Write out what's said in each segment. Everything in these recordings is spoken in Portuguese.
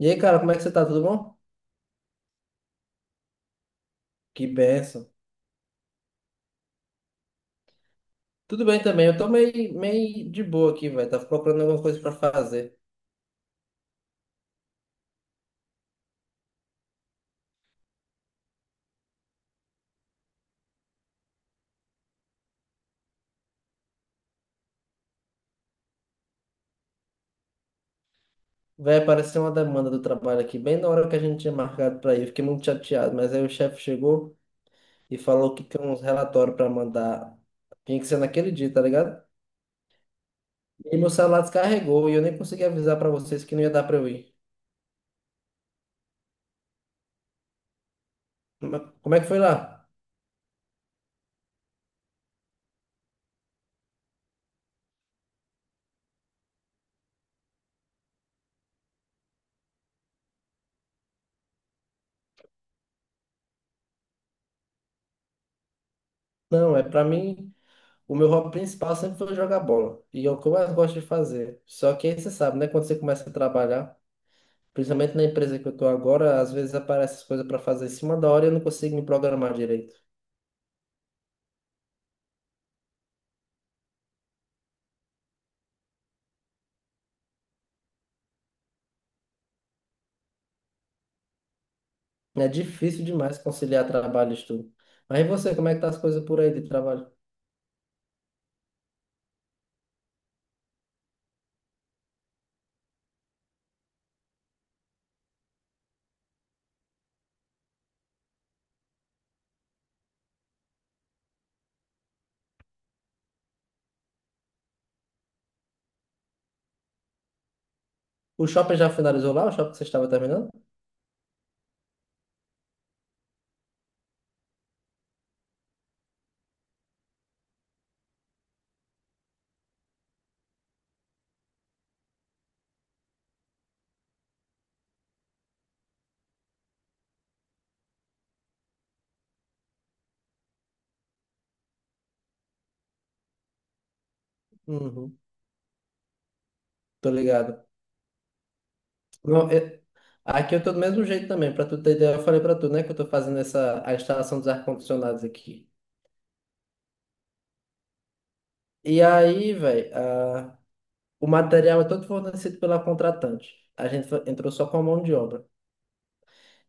E aí, cara, como é que você tá? Tudo bom? Que benção. Tudo bem também, eu tô meio de boa aqui, velho. Tava procurando alguma coisa pra fazer. Vai aparecer uma demanda do trabalho aqui, bem na hora que a gente tinha marcado pra ir. Fiquei muito chateado, mas aí o chefe chegou e falou que tem uns relatórios pra mandar. Tinha que ser naquele dia, tá ligado? E meu celular descarregou e eu nem consegui avisar pra vocês que não ia dar pra eu ir. Mas como é que foi lá? Não, é pra mim, o meu hobby principal sempre foi jogar bola. E é o que eu mais gosto de fazer. Só que aí você sabe, né? Quando você começa a trabalhar. Principalmente na empresa que eu tô agora, às vezes aparecem as coisas para fazer em cima da hora e eu não consigo me programar direito. É difícil demais conciliar trabalho e estudo. Mas e você, como é que tá as coisas por aí de trabalho? O shopping já finalizou lá? O shopping que você estava terminando? Uhum, tô ligado. Não, eu- Aqui eu tô do mesmo jeito também, pra tu ter ideia, eu falei pra tu, né, que eu tô fazendo essa, a instalação dos ar-condicionados aqui. E aí, velho, o material é todo fornecido pela contratante. A gente entrou só com a mão de obra.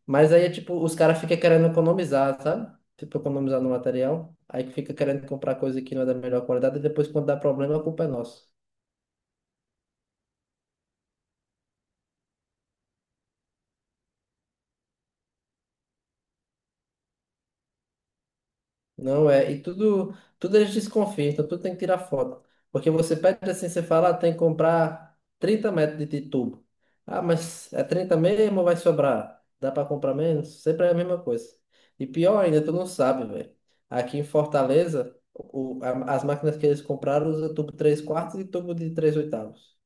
Mas aí é tipo, os caras ficam querendo economizar, sabe? Tipo, economizar no material. Aí que fica querendo comprar coisa que não é da melhor qualidade e depois quando dá problema a culpa é nossa. Não é. E tudo eles desconfiam, então tudo tem que tirar foto. Porque você pede assim, você fala, ah, tem que comprar 30 metros de tubo. Ah, mas é 30 mesmo ou vai sobrar? Dá para comprar menos? Sempre é a mesma coisa. E pior ainda, tu não sabe, velho. Aqui em Fortaleza, as máquinas que eles compraram usam tubo 3 quartos e tubo de 3 oitavos.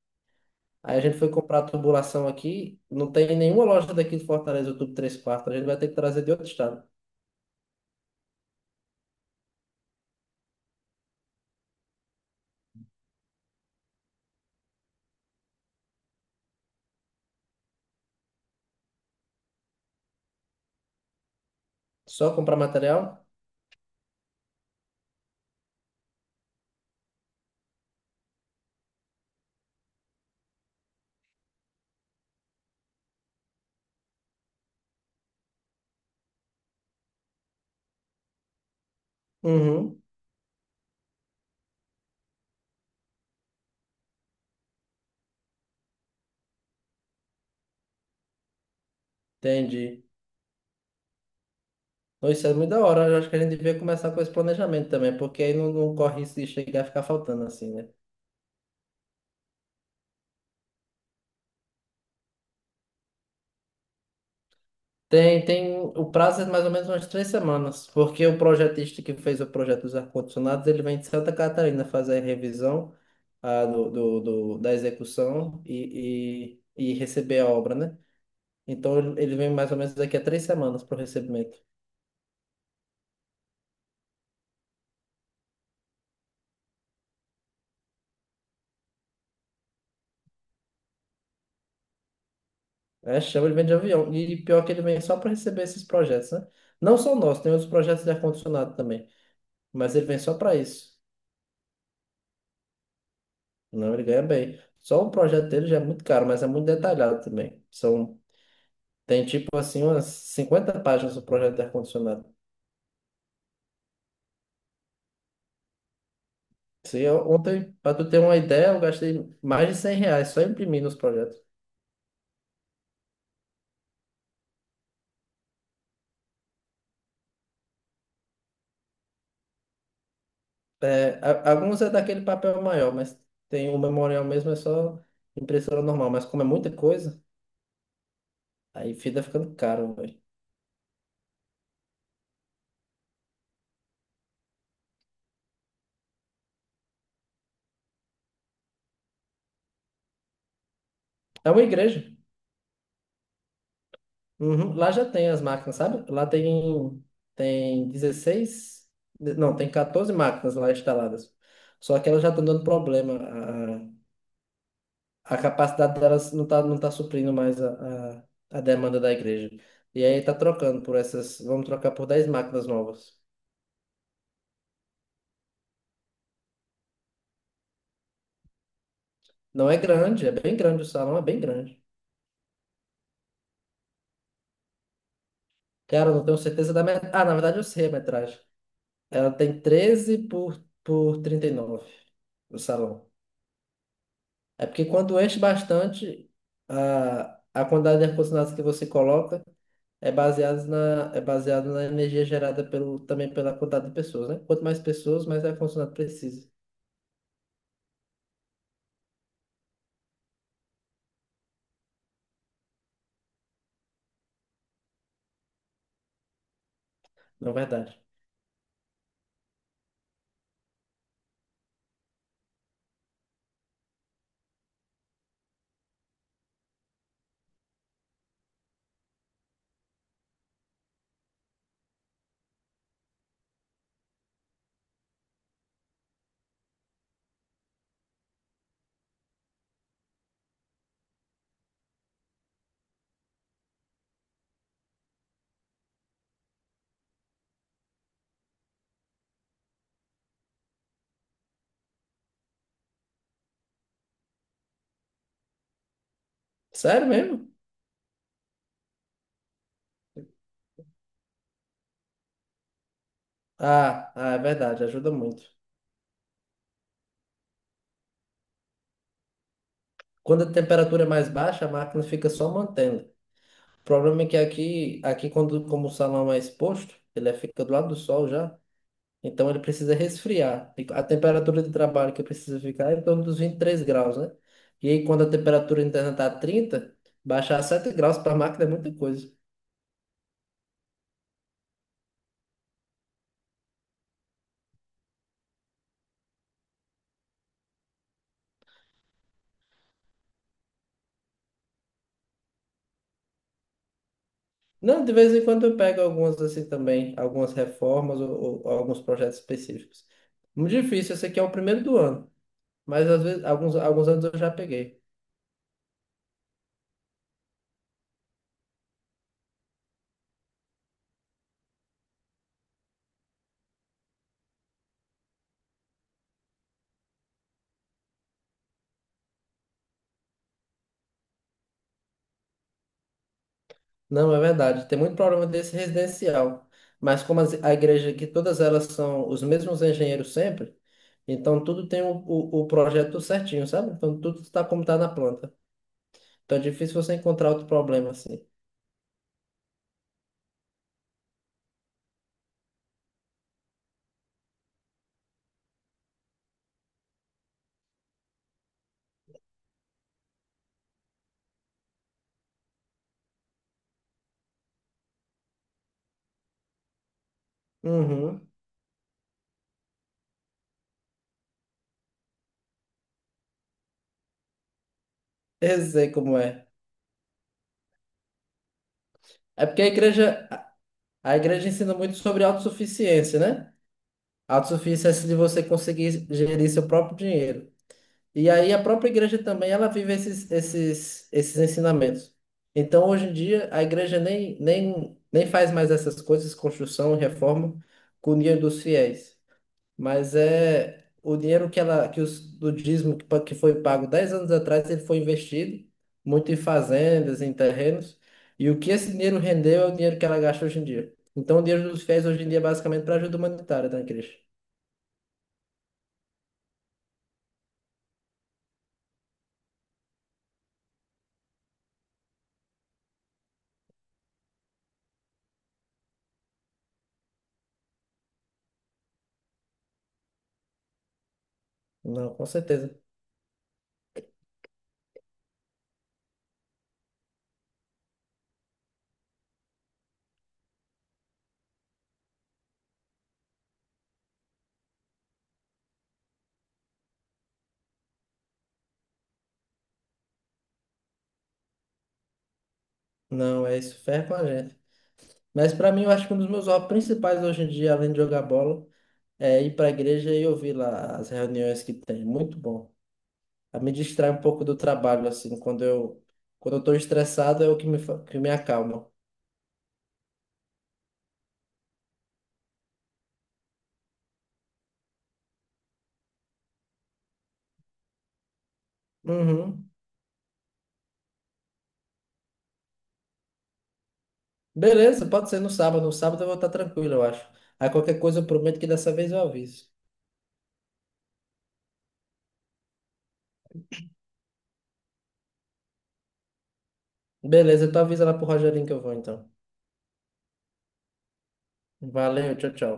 Aí a gente foi comprar a tubulação aqui, não tem nenhuma loja daqui de Fortaleza, o tubo três quartos, a gente vai ter que trazer de outro estado. Só comprar material? Uhum, entendi. Então, isso é muito da hora, eu acho que a gente devia começar com esse planejamento também, porque aí não corre risco de chegar a ficar faltando assim, né? Tem, tem, o prazo é mais ou menos umas três semanas, porque o projetista que fez o projeto dos ar-condicionados, ele vem de Santa Catarina fazer a revisão da execução e receber a obra, né? Então ele vem mais ou menos daqui a três semanas para o recebimento. É, chama, ele vem de avião. E pior que ele vem só para receber esses projetos, né? Não só nós, tem outros projetos de ar-condicionado também. Mas ele vem só para isso. Não, ele ganha bem. Só o projeto dele já é muito caro, mas é muito detalhado também. São, tem tipo assim umas 50 páginas do projeto de ar-condicionado. Se eu- Ontem, para tu ter uma ideia, eu gastei mais de 100 reais só imprimindo os projetos. É, alguns é daquele papel maior, mas tem o memorial mesmo, é só impressora normal. Mas como é muita coisa, aí fica ficando caro, velho. É uma igreja. Uhum. Lá já tem as máquinas, sabe? Lá tem, tem 16, não, tem 14 máquinas lá instaladas. Só que elas já estão dando problema. A capacidade delas não tá suprindo mais a demanda da igreja. E aí tá trocando por essas, vamos trocar por 10 máquinas novas. Não é grande, é bem grande o salão, é bem grande. Cara, eu não tenho certeza da metragem. Ah, na verdade eu sei a metragem. Ela tem 13 por 39 o salão. É porque quando enche bastante, a quantidade de ar-condicionado que você coloca é baseado na energia gerada pelo, também pela quantidade de pessoas, né? Quanto mais pessoas, mais ar-condicionado precisa. Não é verdade. Sério mesmo? É verdade, ajuda muito. Quando a temperatura é mais baixa, a máquina fica só mantendo. O problema é que aqui quando, como o salão é exposto, fica do lado do sol já, então ele precisa resfriar. E a temperatura de trabalho que precisa ficar é em torno dos 23 graus, né? E aí quando a temperatura interna tá trinta, baixar 7 graus para a máquina é muita coisa. Não, de vez em quando eu pego algumas assim também, algumas reformas ou alguns projetos específicos. Muito difícil, esse aqui é o primeiro do ano, mas às vezes alguns anos eu já peguei. Não, é verdade. Tem muito problema desse residencial. Mas como a igreja aqui, todas elas são os mesmos engenheiros sempre, então tudo tem o projeto certinho, sabe? Então tudo está como está na planta. Então é difícil você encontrar outro problema assim. Uhum. Eu sei como é. É porque a igreja ensina muito sobre autossuficiência, né? Autossuficiência é de você conseguir gerir seu próprio dinheiro. E aí a própria igreja também, ela vive esses ensinamentos. Então, hoje em dia, a igreja nem faz mais essas coisas, construção, reforma, com o dinheiro dos fiéis. Mas é o dinheiro que do dízimo que foi pago 10 anos atrás, ele foi investido muito em fazendas, em terrenos. E o que esse dinheiro rendeu é o dinheiro que ela gasta hoje em dia. Então, o dinheiro dos fiéis hoje em dia é basicamente para ajuda humanitária da igreja. Não, com certeza. Não, é isso, ferra com a gente. Mas para mim, eu acho que um dos meus hobbies principais hoje em dia, além de jogar bola, é ir para a igreja e ouvir lá as reuniões que tem. Muito bom. A me distrai um pouco do trabalho, assim, quando eu estou estressado é o que que me acalma. Uhum. Beleza, pode ser no sábado. No sábado eu vou estar tranquilo, eu acho. Aí qualquer coisa eu prometo que dessa vez eu aviso. Beleza, tu avisa lá pro Rogerinho que eu vou então. Valeu, tchau, tchau.